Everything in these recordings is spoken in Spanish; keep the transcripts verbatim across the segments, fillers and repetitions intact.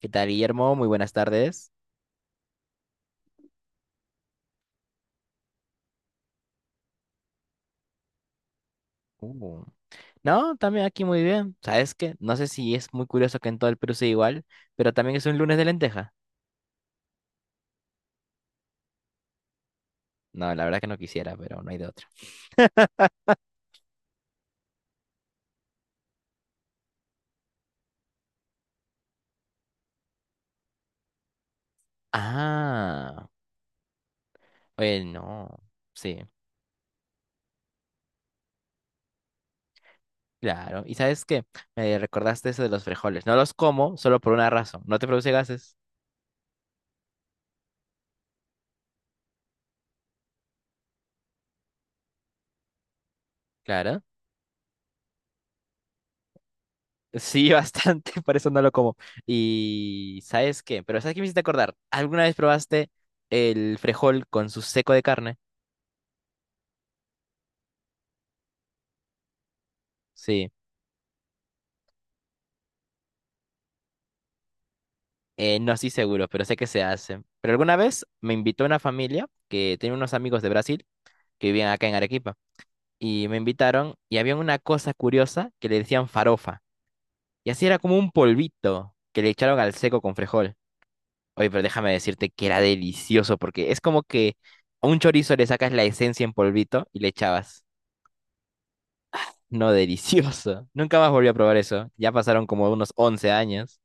¿Qué tal, Guillermo? Muy buenas tardes. Uh, No, también aquí muy bien. ¿Sabes qué? No sé si es muy curioso que en todo el Perú sea igual, pero también es un lunes de lenteja. No, la verdad que no quisiera, pero no hay de otra. Ah, oye, no. Sí, claro. ¿Y sabes qué? Me recordaste eso de los frijoles. No los como solo por una razón. No te produce gases. Claro. Sí, bastante, por eso no lo como. Y ¿sabes qué? Pero ¿sabes qué me hiciste acordar? ¿Alguna vez probaste el frijol con su seco de carne? Sí. Eh, no estoy seguro, pero sé que se hace. Pero alguna vez me invitó una familia que tenía unos amigos de Brasil que vivían acá en Arequipa. Y me invitaron y había una cosa curiosa que le decían farofa. Y así era como un polvito que le echaron al seco con frijol. Oye, pero déjame decirte que era delicioso porque es como que a un chorizo le sacas la esencia en polvito y le echabas. No, delicioso. Nunca más volví a probar eso. Ya pasaron como unos once años.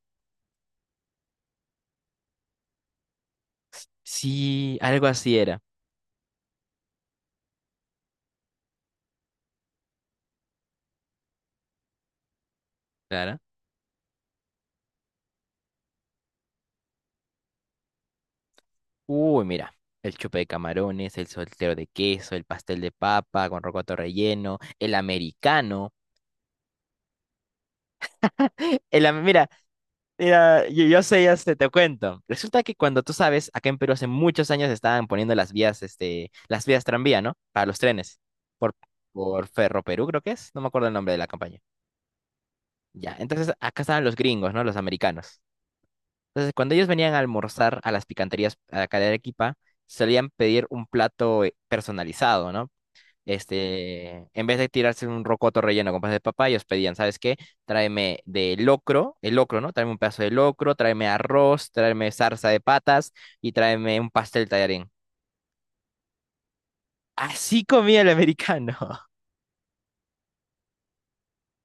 Sí, algo así era. Claro. Uy, mira, el chupe de camarones, el soltero de queso, el pastel de papa con rocoto relleno, el americano. El, am- mira, mira, yo, yo sé, ya sé, te cuento. Resulta que cuando tú sabes, acá en Perú hace muchos años estaban poniendo las vías, este, las vías tranvía, ¿no? Para los trenes. Por, por Ferroperú, creo que es. No me acuerdo el nombre de la campaña. Ya, entonces acá estaban los gringos, ¿no? Los americanos. Entonces, cuando ellos venían a almorzar a las picanterías acá de Arequipa, solían pedir un plato eh, personalizado, ¿no? Este, en vez de tirarse un rocoto relleno con pasas de papá, ellos pedían, ¿sabes qué? Tráeme de locro, el locro, ¿no? Tráeme un pedazo de locro, tráeme arroz, tráeme zarza de patas y tráeme un pastel tallarín. Así comía el americano.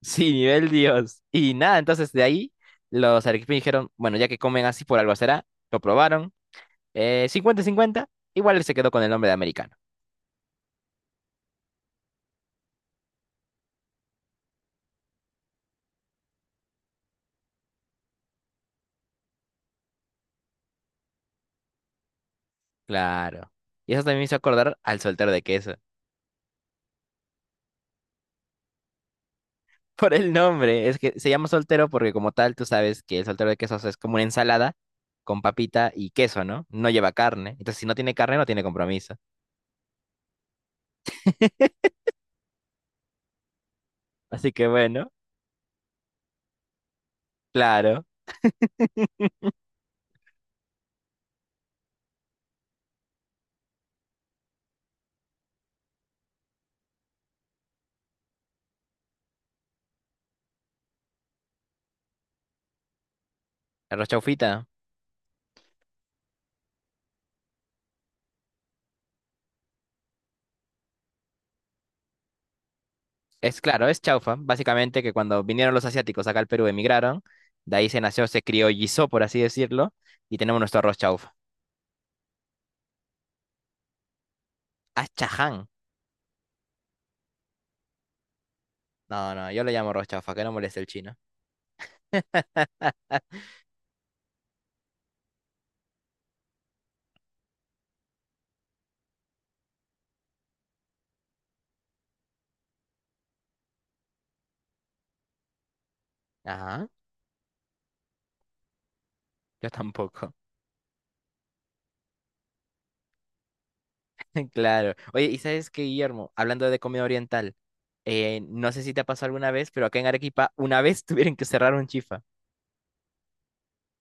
Sí, nivel Dios. Y nada, entonces de ahí los arequipeños dijeron, bueno, ya que comen así por algo será, lo probaron, eh, cincuenta 50 igual él se quedó con el nombre de americano. Claro. Y eso también me hizo acordar al soltero de queso. Por el nombre. Es que se llama soltero porque como tal tú sabes que el soltero de quesos es como una ensalada con papita y queso, ¿no? No lleva carne. Entonces, si no tiene carne, no tiene compromiso. Así que bueno, claro. Arroz chaufita. Es claro, es chaufa. Básicamente que cuando vinieron los asiáticos acá al Perú, emigraron. De ahí se nació, se criollizó, por así decirlo. Y tenemos nuestro arroz chaufa. Ah, chaján. No, no, yo le llamo arroz chaufa, que no moleste el chino. Ajá, yo tampoco. Claro. Oye, ¿y sabes qué, Guillermo? Hablando de comida oriental, eh, no sé si te ha pasado alguna vez, pero acá en Arequipa una vez tuvieron que cerrar un chifa.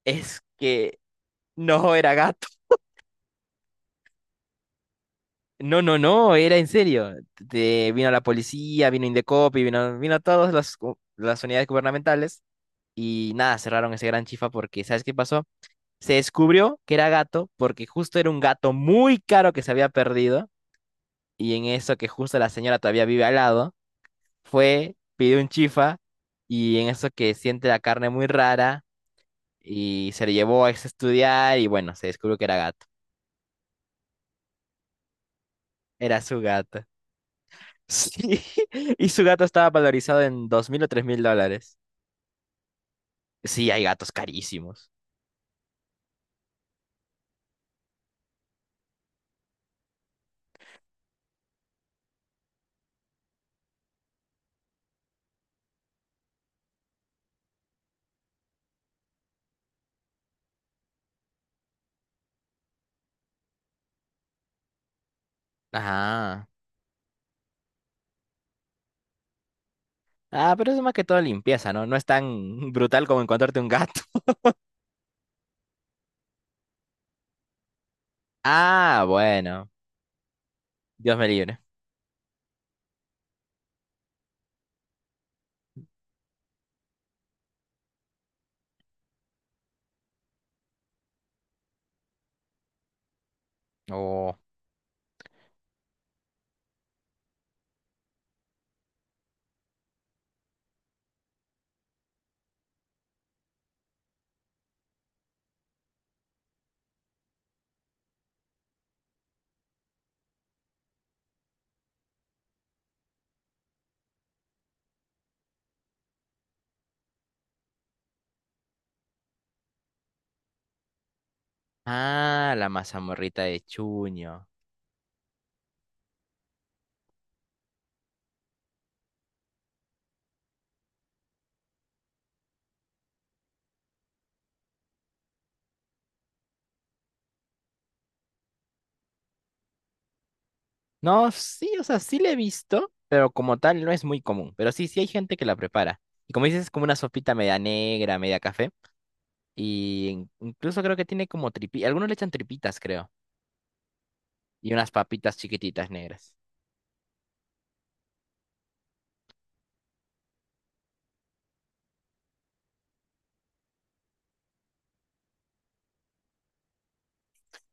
Es que no era gato. No, no, no, era en serio. Te- vino la policía, vino Indecopi, vino, vino todas las, gu- las unidades gubernamentales y nada, cerraron ese gran chifa porque, ¿sabes qué pasó? Se descubrió que era gato porque justo era un gato muy caro que se había perdido y en eso que justo la señora todavía vive al lado. Fue, pidió un chifa y en eso que siente la carne muy rara y se le llevó a estudiar y bueno, se descubrió que era gato. Era su gato. Sí, y su gato estaba valorizado en dos mil o tres mil dólares. Sí, hay gatos carísimos. Ajá. Ah, pero eso es más que todo limpieza, ¿no? No es tan brutal como encontrarte un gato. Ah, bueno. Dios me libre. Oh. Ah, la mazamorrita de Chuño. No, sí, o sea, sí la he visto, pero como tal no es muy común. Pero sí, sí hay gente que la prepara. Y como dices, es como una sopita media negra, media café. Y in- incluso creo que tiene como tripitas. Algunos le echan tripitas, creo. Y unas papitas chiquititas negras.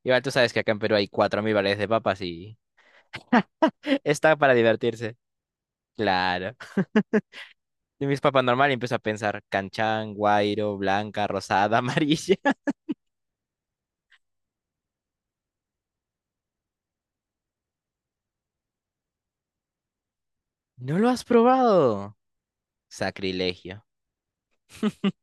Igual tú sabes que acá en Perú hay cuatro mil variedades de papas y está para divertirse. Claro. Yo mis papas normal y empiezo a pensar canchán, guairo, blanca, rosada, amarilla. ¿No lo has probado? Sacrilegio.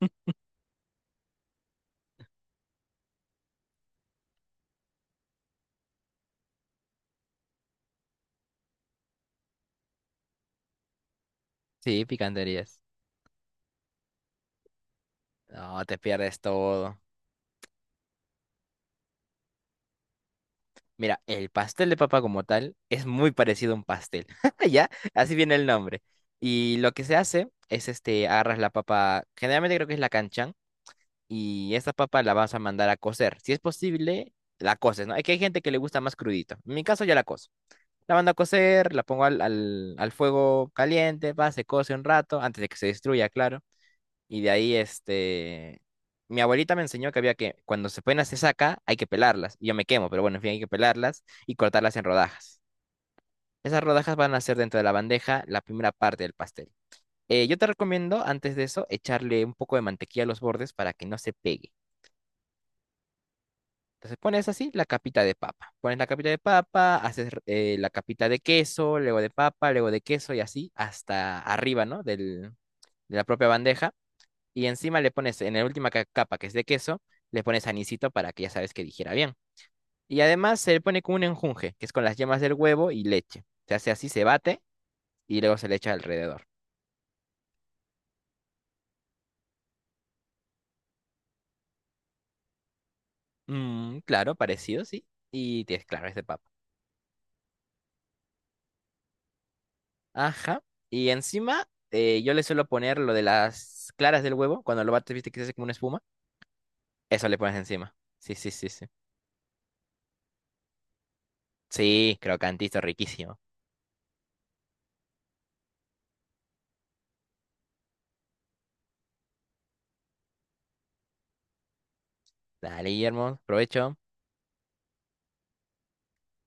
Sí, picanterías. No, te pierdes todo. Mira, el pastel de papa como tal es muy parecido a un pastel, ¿ya? Así viene el nombre. Y lo que se hace es, este, agarras la papa, generalmente creo que es la canchán, y esta papa la vas a mandar a cocer. Si es posible, la coces, ¿no? Es que hay gente que le gusta más crudito. En mi caso ya la cozo. La mando a cocer, la pongo al, al, al fuego caliente, va, se cose un rato, antes de que se destruya, claro. Y de ahí, este, mi abuelita me enseñó que había que, cuando se ponen hacer saca, hay que pelarlas. Y yo me quemo, pero bueno, en fin, hay que pelarlas y cortarlas en rodajas. Esas rodajas van a ser dentro de la bandeja la primera parte del pastel. Eh, yo te recomiendo, antes de eso, echarle un poco de mantequilla a los bordes para que no se pegue. Entonces pones así la capita de papa. Pones la capita de papa, haces eh, la capita de queso, luego de papa, luego de queso y así hasta arriba, ¿no? Del, de la propia bandeja. Y encima le pones, en la última ca- capa, que es de queso, le pones anisito para que ya sabes que dijera bien. Y además se le pone con un enjunje, que es con las yemas del huevo y leche. Se hace así, se bate y luego se le echa alrededor. Mm, claro, parecido, sí. Y tienes, claro, es de papa. Ajá. Y encima eh, yo le suelo poner lo de las claras del huevo. Cuando lo bates, viste que se hace como una espuma. Eso le pones encima. Sí, sí, sí, sí. Sí, crocantito, riquísimo. Dale, Guillermo, provecho.